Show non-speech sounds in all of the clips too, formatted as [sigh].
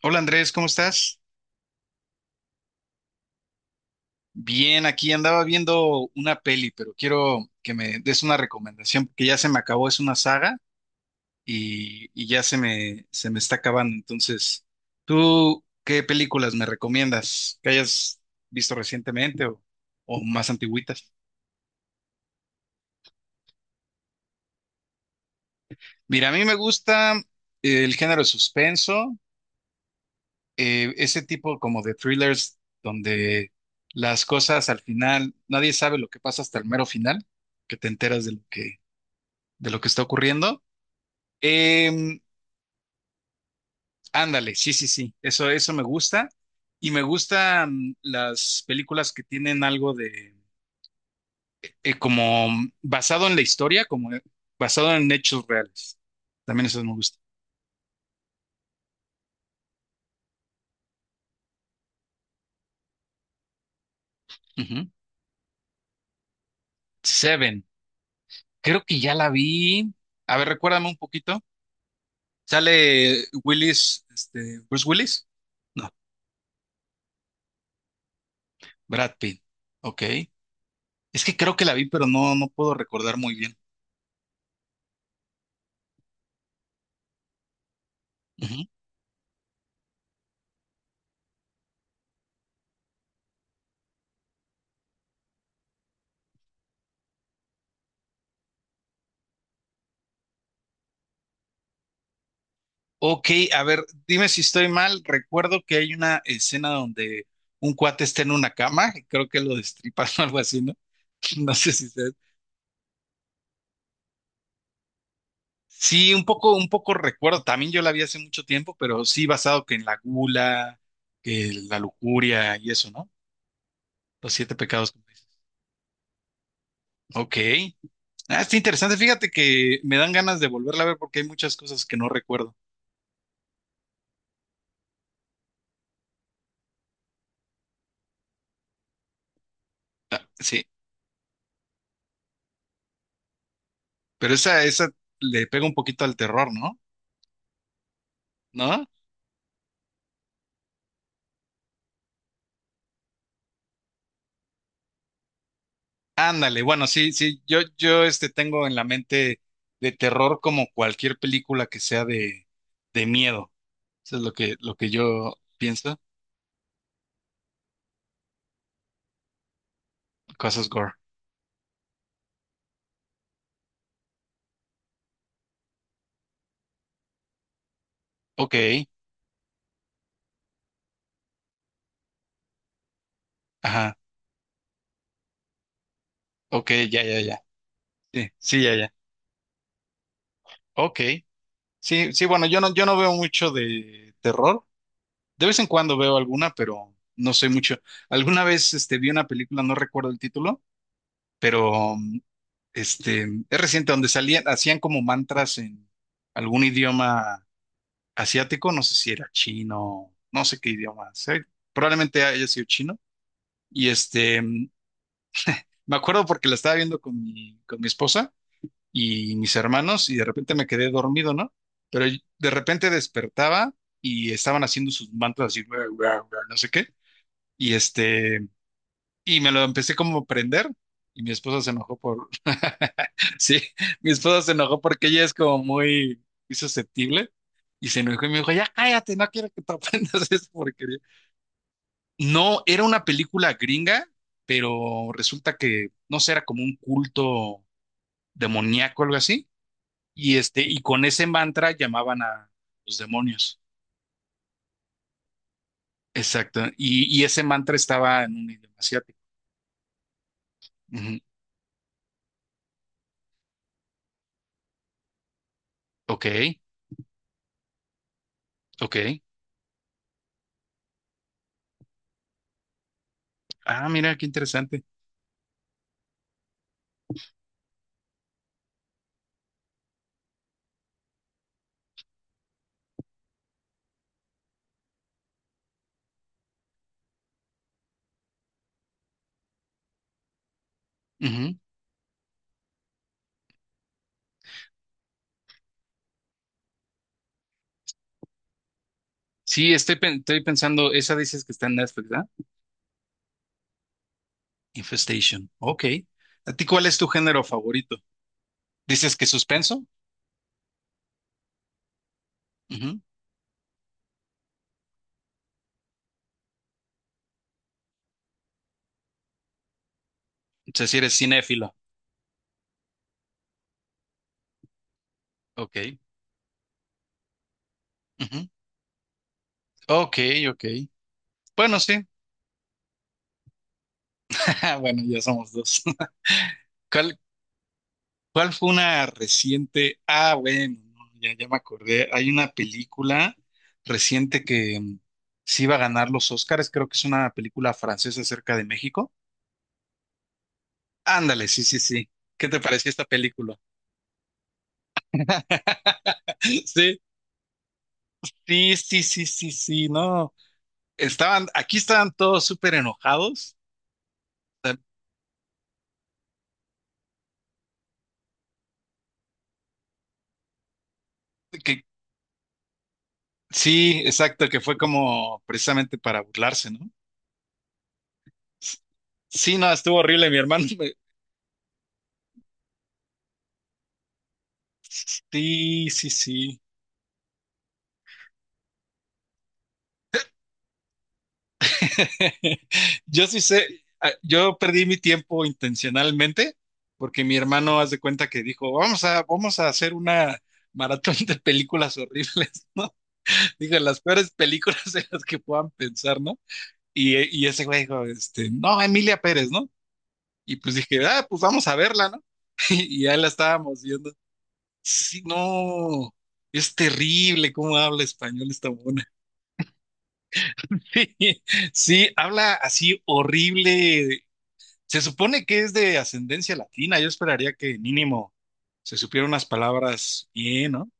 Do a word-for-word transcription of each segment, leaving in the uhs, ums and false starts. Hola Andrés, ¿cómo estás? Bien, aquí andaba viendo una peli, pero quiero que me des una recomendación, porque ya se me acabó, es una saga y, y ya se me, se me está acabando. Entonces, ¿tú qué películas me recomiendas que hayas visto recientemente o, o más antigüitas? Mira, a mí me gusta eh, el género de suspenso, eh, ese tipo como de thrillers donde las cosas al final, nadie sabe lo que pasa hasta el mero final, que te enteras de lo que de lo que está ocurriendo. Em, Ándale, sí, sí, sí, eso, eso me gusta. Y me gustan las películas que tienen algo de, eh, como basado en la historia, como basado en hechos reales. También eso me gusta. Ujú. Seven, creo que ya la vi. A ver, recuérdame un poquito. ¿Sale Willis, este, Bruce Willis? No, Brad Pitt. Ok. Es que creo que la vi, pero no, no puedo recordar muy bien. Ok, a ver, dime si estoy mal. Recuerdo que hay una escena donde un cuate está en una cama, y creo que lo destripan [laughs] o algo así, ¿no? [laughs] No sé si sea. Sí, un poco, un poco recuerdo. También yo la vi hace mucho tiempo, pero sí basado que en la gula, que la lujuria y eso, ¿no? Los siete pecados, como dices. Ok. Ah, está interesante. Fíjate que me dan ganas de volverla a ver porque hay muchas cosas que no recuerdo. Ah, sí, pero esa, esa le pega un poquito al terror, ¿no? ¿No? Ándale, bueno, sí, sí, yo, yo este, tengo en la mente de terror como cualquier película que sea de, de miedo. Eso es lo que, lo que yo pienso. Cosas gore. Ok, ajá, ok, ya, ya, ya. Sí, sí, ya, ya. Ok. Sí, sí, bueno, yo no, yo no veo mucho de terror. De vez en cuando veo alguna, pero no soy mucho. Alguna vez este, vi una película, no recuerdo el título, pero mm, este, es reciente, donde salían, hacían como mantras en algún idioma asiático, no sé si era chino, no sé qué idioma, sé- probablemente haya sido chino. Y este, mm, me acuerdo porque la estaba viendo con mi, con mi esposa y mis hermanos y de repente me quedé dormido, ¿no? Pero y- de repente despertaba y estaban haciendo sus mantras así, "Ruah, ruah, ruah", no sé qué. Y este, y me lo empecé como a prender y mi esposa se enojó por... [laughs] Sí, mi esposa se enojó porque ella es como muy, muy susceptible y se enojó y me dijo, ya cállate, no quiero que te aprendas [laughs] esa porquería. No, era una película gringa, pero resulta que, no sé, era como un culto demoníaco, algo así, y, este, y con ese mantra llamaban a los demonios. Exacto, y, y ese mantra estaba en un idioma asiático. Ujú. Ok, ok. Ah, mira, qué interesante. Ujú. Sí, estoy, pen- estoy pensando, esa dices que está en Netflix, ¿verdad? Infestation. Ok. ¿A ti cuál es tu género favorito? ¿Dices que suspenso? Ujú. O sea, si eres cinéfilo. Ok. Ujú. Ok, ok. Bueno, sí. [laughs] Bueno, ya somos dos. [laughs] ¿Cuál, ¿cuál fue una reciente? Ah, bueno, no, ya, ya me acordé. Hay una película reciente que mm, sí iba a ganar los Oscars. Creo que es una película francesa acerca de México. Ándale, sí, sí, sí. ¿Qué te pareció esta película? [laughs] Sí, sí, sí, sí, sí, sí, no. Estaban, aquí estaban todos súper enojados. O sea, que- sí, exacto, que fue como precisamente para burlarse, ¿no? Sí, no, estuvo horrible, mi hermano. [laughs] me- sí, sí, sí. [laughs] Yo sí sé, ah, yo perdí mi tiempo intencionalmente porque mi hermano, haz de cuenta que dijo, vamos a, vamos a hacer una maratón de películas horribles, [laughs] ¿no? Dije, las peores películas de las que puedan pensar, ¿no? Y, y ese güey dijo, este, no, Emilia Pérez, ¿no? Y pues dije, ah, pues vamos a verla, ¿no? [laughs] Y ya la estábamos viendo. Sí, no, es terrible cómo habla español esta mona. [laughs] Sí, sí, habla así horrible. Se supone que es de ascendencia latina. Yo esperaría que mínimo se supiera unas palabras bien, ¿no?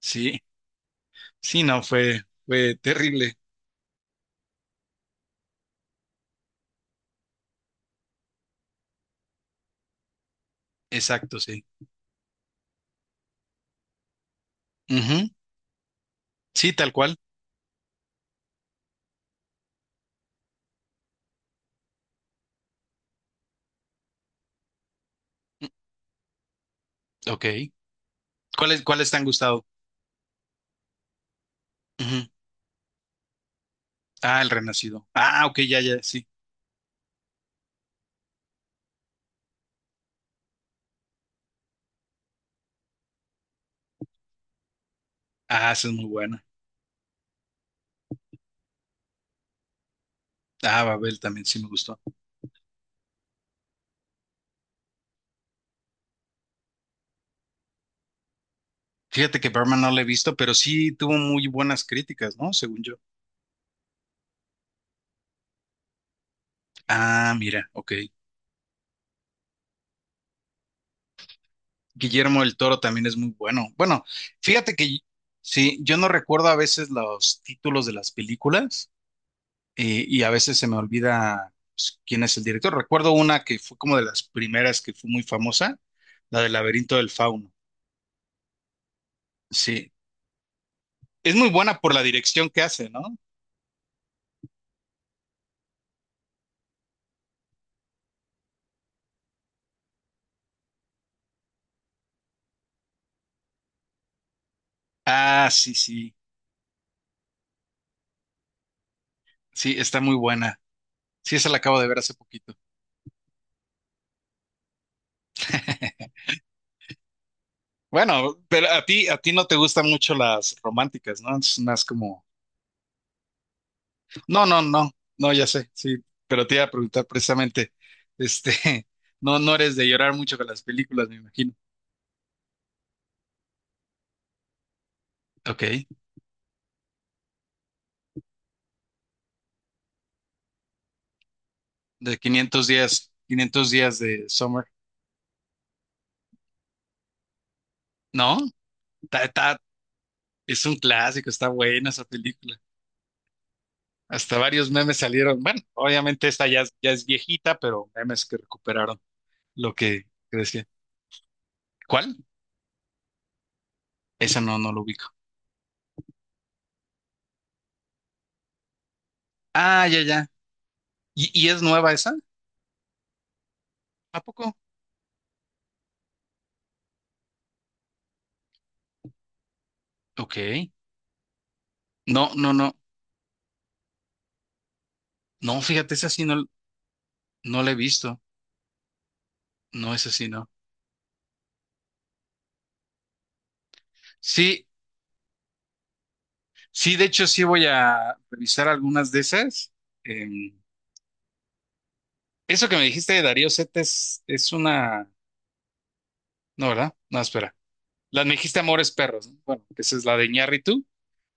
Sí, sí, no, fue, fue terrible. Exacto, sí. Ujú, sí, tal cual. Ok. ¿Cuáles, ¿cuáles te han gustado? Ah, El Renacido. Ah, ok, ya, ya, sí. Ah, esa es muy buena. Ah, Babel también sí me gustó. Fíjate que Berman no la he visto, pero sí tuvo muy buenas críticas, ¿no? Según yo. Ah, mira, ok. Guillermo del Toro también es muy bueno. Bueno, fíjate que sí, yo no recuerdo a veces los títulos de las películas eh, y a veces se me olvida pues, quién es el director. Recuerdo una que fue como de las primeras que fue muy famosa, la del Laberinto del Fauno. Sí, es muy buena por la dirección que hace, ¿no? Ah, sí, sí. Sí, está muy buena. Sí, esa la acabo de ver hace poquito. [laughs] Bueno, pero a ti, a ti no te gustan mucho las románticas, ¿no? Es más como, no, no, no, no, ya sé, sí, pero te iba a preguntar precisamente, este, [laughs] no, no eres de llorar mucho con las películas, me imagino. Ok, de quinientos días, quinientos días de Summer, ¿no? Ta- ta- es un clásico, está buena esa película. Hasta varios memes salieron, bueno, obviamente esta ya, es- ya es viejita, pero memes que recuperaron lo que, que decía. ¿Cuál? Esa no, no lo ubico. Ah, ya, ya. ¿Y, y es nueva esa? ¿A poco? Ok. No, no, no. No, fíjate, esa sí no, no la he visto. No, esa sí no. Sí, sí, de hecho sí voy a revisar algunas de esas. Em, Eso que me dijiste de Darío Zeta es, es una... No, ¿verdad? No, espera. La me dijiste Amores Perros, ¿no? Bueno, esa es la de Iñárritu,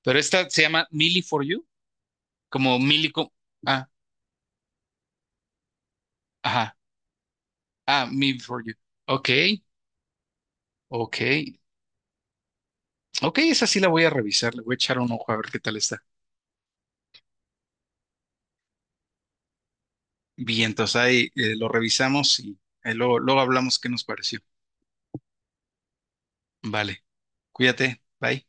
pero esta se llama Millie for You, como Millie... co- Ah, ajá. Ah, Millie for You. Ok, ok. Ok, esa sí la voy a revisar, le voy a echar un ojo a ver qué tal está. Bien, entonces ahí eh, lo revisamos y eh, luego, luego hablamos qué nos pareció. Vale, cuídate, bye.